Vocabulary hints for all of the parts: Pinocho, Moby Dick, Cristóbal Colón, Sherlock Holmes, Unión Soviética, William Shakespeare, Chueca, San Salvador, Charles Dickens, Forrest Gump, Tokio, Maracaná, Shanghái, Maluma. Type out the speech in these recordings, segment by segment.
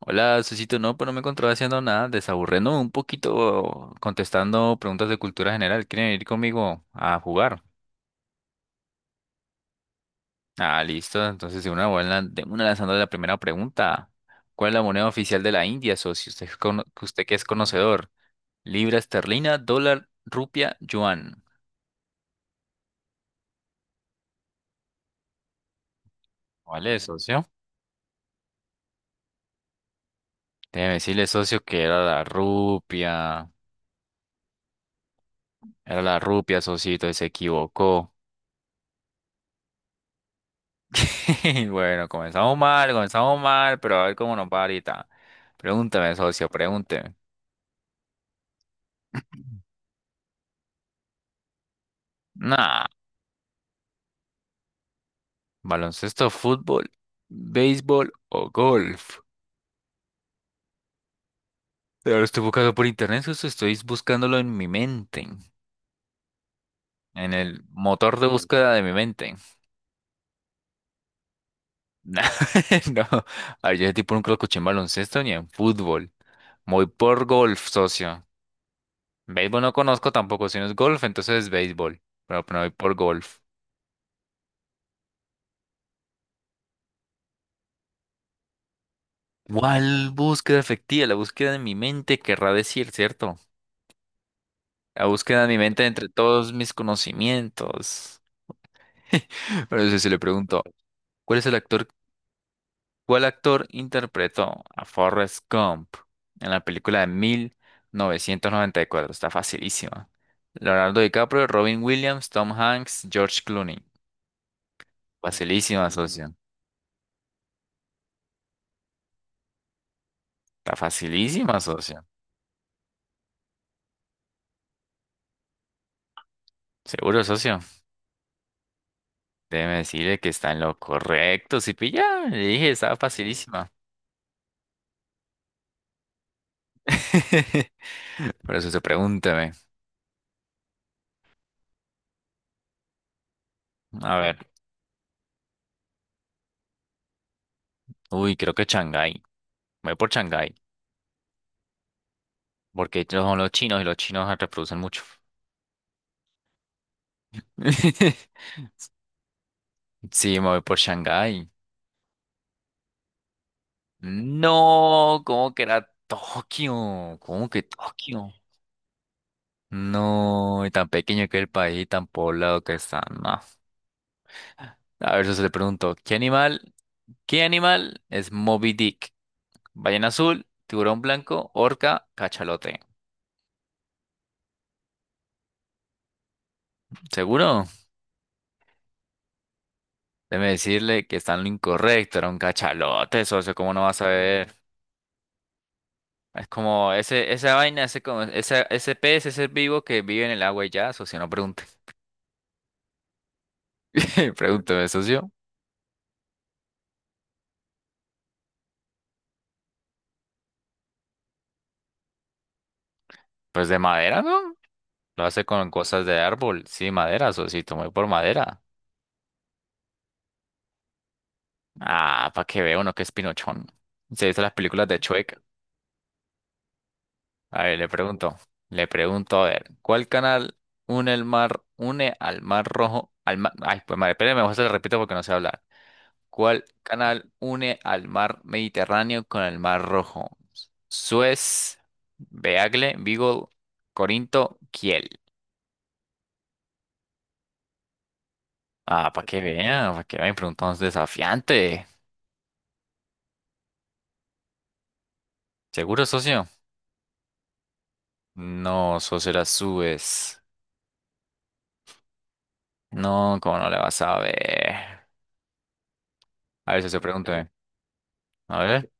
Hola, Susito, no, pues no me encontraba haciendo nada, desaburriendo un poquito, contestando preguntas de cultura general. ¿Quieren ir conmigo a jugar? Ah, listo. Entonces, de una lanzando la primera pregunta. ¿Cuál es la moneda oficial de la India, socio? Usted que es conocedor. Libra esterlina, dólar, rupia, yuan. ¿Cuál es, socio? Déjeme decirle, socio, que era la rupia. Era la rupia, socito, y se equivocó. Bueno, comenzamos mal, pero a ver cómo nos va ahorita. Pregúntame, socio, pregúnteme. Nah, baloncesto, fútbol, béisbol o golf. Pero lo estoy buscando por internet, socio, estoy buscándolo en mi mente, en el motor de búsqueda de mi mente. Nah, no, ay, yo ese tipo nunca lo escuché en baloncesto ni en fútbol. Voy por golf, socio. Béisbol no conozco tampoco, si no es golf, entonces es béisbol. Pero voy por golf. ¿Cuál búsqueda efectiva? La búsqueda de mi mente querrá decir, ¿cierto? La búsqueda de mi mente entre todos mis conocimientos. Pero eso sí le pregunto, ¿cuál es el actor, ¿cuál actor interpretó a Forrest Gump en la película de 1994? Está facilísima. Leonardo DiCaprio, Robin Williams, Tom Hanks, George Clooney. Facilísima, socio. Está facilísima, socio. Seguro, socio. Déjeme decirle que está en lo correcto, si pilla. Le dije, estaba facilísima. Por eso se pregúnteme. A ver, uy, creo que Shanghái. Me voy por Shanghái, porque ellos son los chinos y los chinos reproducen mucho. Sí, me voy por Shanghái. No, ¿cómo que era Tokio? ¿Cómo que Tokio? No, y tan pequeño que el país y tan poblado que está. No. A ver, eso se le pregunto, ¿qué animal es Moby Dick? ¿Ballena azul, tiburón blanco, orca, cachalote? ¿Seguro? Déjeme decirle que está en lo incorrecto, era un cachalote, socio, ¿cómo no vas a ver? Es como ese, esa vaina, ese, como, ese pez, ese ser vivo que vive en el agua y ya, socio, no pregunte. Pregúnteme, socio. Pues de madera, ¿no? Lo hace con cosas de árbol. Sí, madera, socito, me voy por madera. Ah, para que vea uno que es pinochón. Se hizo las películas de Chueca. A ver, ¿cuál canal une al mar rojo, ay, pues madre, espérame, mejor se lo repito porque no sé hablar. ¿Cuál canal une al mar Mediterráneo con el mar Rojo? Suez, Beagle, Vigo, Corinto, Kiel. Ah, para que vean, preguntamos desafiante. ¿Seguro, socio? No, socio, era Suez. No, ¿cómo no le vas a ver? A ver, socio, pregúntame. A ver.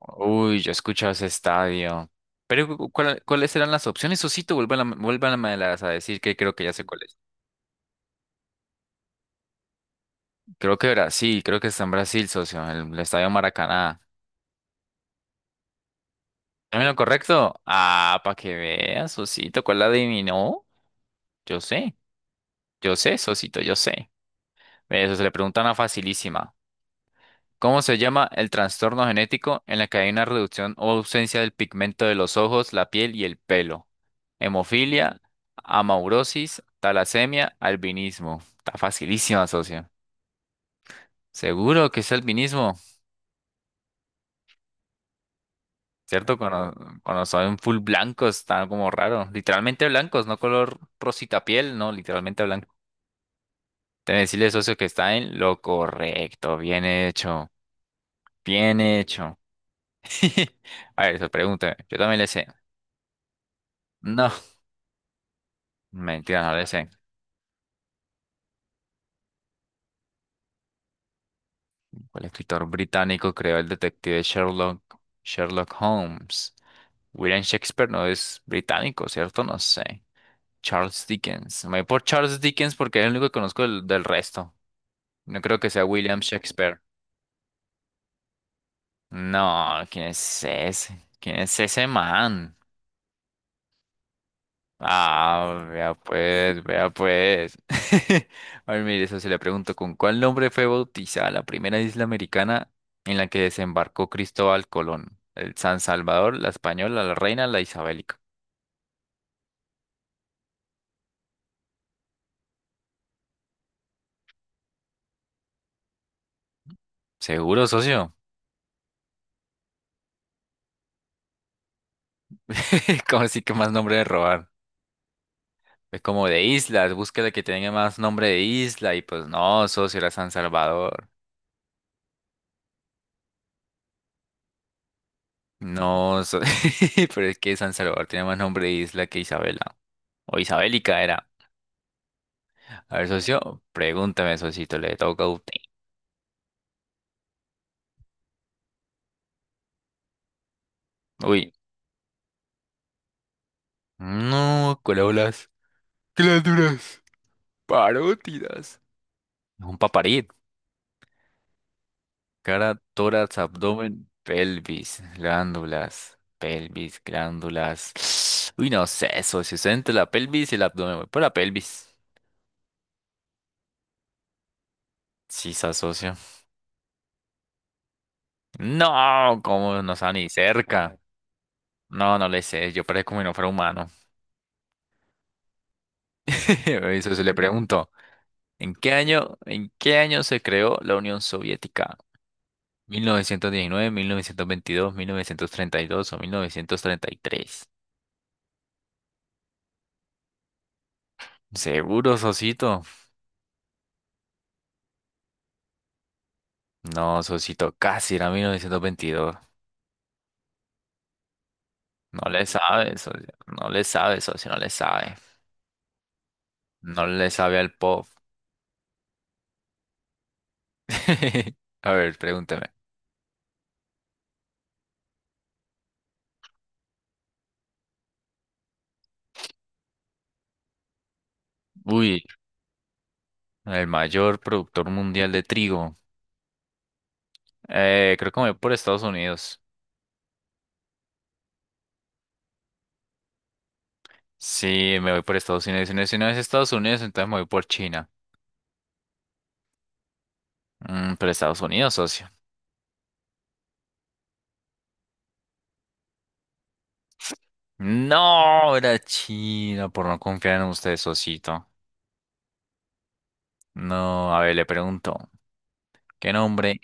Uy, yo he escuchado ese estadio. Pero, ¿cuáles eran las opciones, socito? Vuélvanmelas a decir que creo que ya sé cuáles. Creo que Brasil, creo que está en Brasil, socio, en el estadio Maracaná. ¿También lo correcto? Ah, para que veas, socito, ¿cuál la adivinó? Yo sé, yo sé, socito, yo sé. Ve, eso se le pregunta una facilísima. ¿Cómo se llama el trastorno genético en la que hay una reducción o ausencia del pigmento de los ojos, la piel y el pelo? Hemofilia, amaurosis, talasemia, albinismo. Está facilísima, socio. ¿Seguro que es albinismo? ¿Cierto? Cuando son full blancos, está como raro. Literalmente blancos, no color rosita piel, no, literalmente blanco. Debe decirle, socio, que está en lo correcto. Bien hecho. Bien hecho. A ver, eso pregúntame. Yo también le sé. No, mentira, no le sé. ¿Cuál escritor británico creó el detective Sherlock Holmes? William Shakespeare no es británico, ¿cierto? No sé. Charles Dickens. Me voy por Charles Dickens porque es el único que conozco del resto. No creo que sea William Shakespeare. No, ¿quién es ese? ¿Quién es ese man? Ah, vea pues, vea pues. A ver, mire, eso se le pregunto, ¿con cuál nombre fue bautizada la primera isla americana en la que desembarcó Cristóbal Colón? El San Salvador, la Española, la Reina, la Isabelica. Seguro, socio. ¿Como así que más nombre de robar? Es como de islas, búsqueda que tenga más nombre de isla y pues no, socio, era San Salvador. No, so- Pero es que San Salvador tiene más nombre de isla que Isabela. O Isabélica era. A ver, socio, pregúntame, socito, le toca a usted. Uy, no, corolas, glándulas, parótidas. Un paparit. Cara, tórax, abdomen, pelvis, glándulas, pelvis, glándulas. Uy, no sé, socio, estoy entre la pelvis y el abdomen. Voy por la pelvis. Sí, se socio. No, como no está ni cerca. No, no le sé, yo parezco como si no fuera humano. Eso se le preguntó. ¿En qué año se creó la Unión Soviética? ¿1919, 1922, 1932 o 1933? ¿Seguro, Sosito? No, Sosito, casi era 1922. No le sabe, socio. No le sabe, socio, no le sabe. No le sabe al pop. A ver, pregúnteme. Uy, el mayor productor mundial de trigo. Creo que me voy por Estados Unidos. Sí, me voy por Estados Unidos. Y no, si no es Estados Unidos, entonces me voy por China. Mm, pero Estados Unidos, socio. No, era China por no confiar en usted, socito. No, a ver, le pregunto, ¿qué nombre,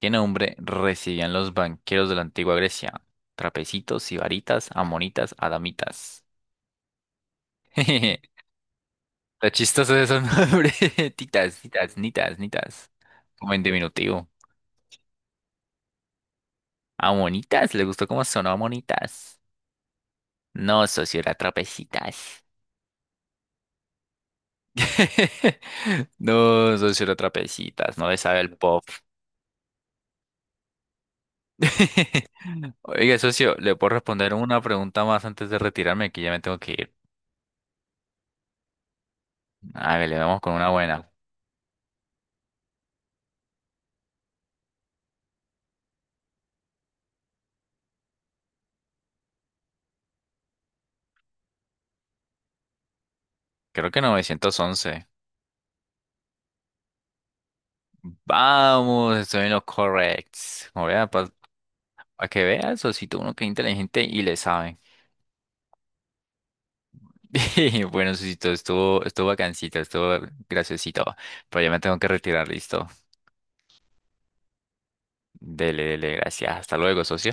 ¿qué nombre recibían los banqueros de la antigua Grecia? Trapecitos, sibaritas, amonitas, adamitas. Está chistoso de esos nombres. Titas, titas, nitas, nitas. Como en diminutivo. Amonitas, ¿le gustó cómo sonó amonitas? No, socio, era trapecitas. No, socio, era trapecitas. No le sabe el pop. Oiga, socio, ¿le puedo responder una pregunta más antes de retirarme? Que ya me tengo que ir. A ver, le vamos con una buena. Creo que 911. Vamos, estoy en lo correcto. Para que veas, socito, uno que es inteligente y le sabe. Bueno, socito, estuvo bacancito, estuvo graciosito. Pero ya me tengo que retirar, listo. Dele, dele, gracias. Hasta luego, socio.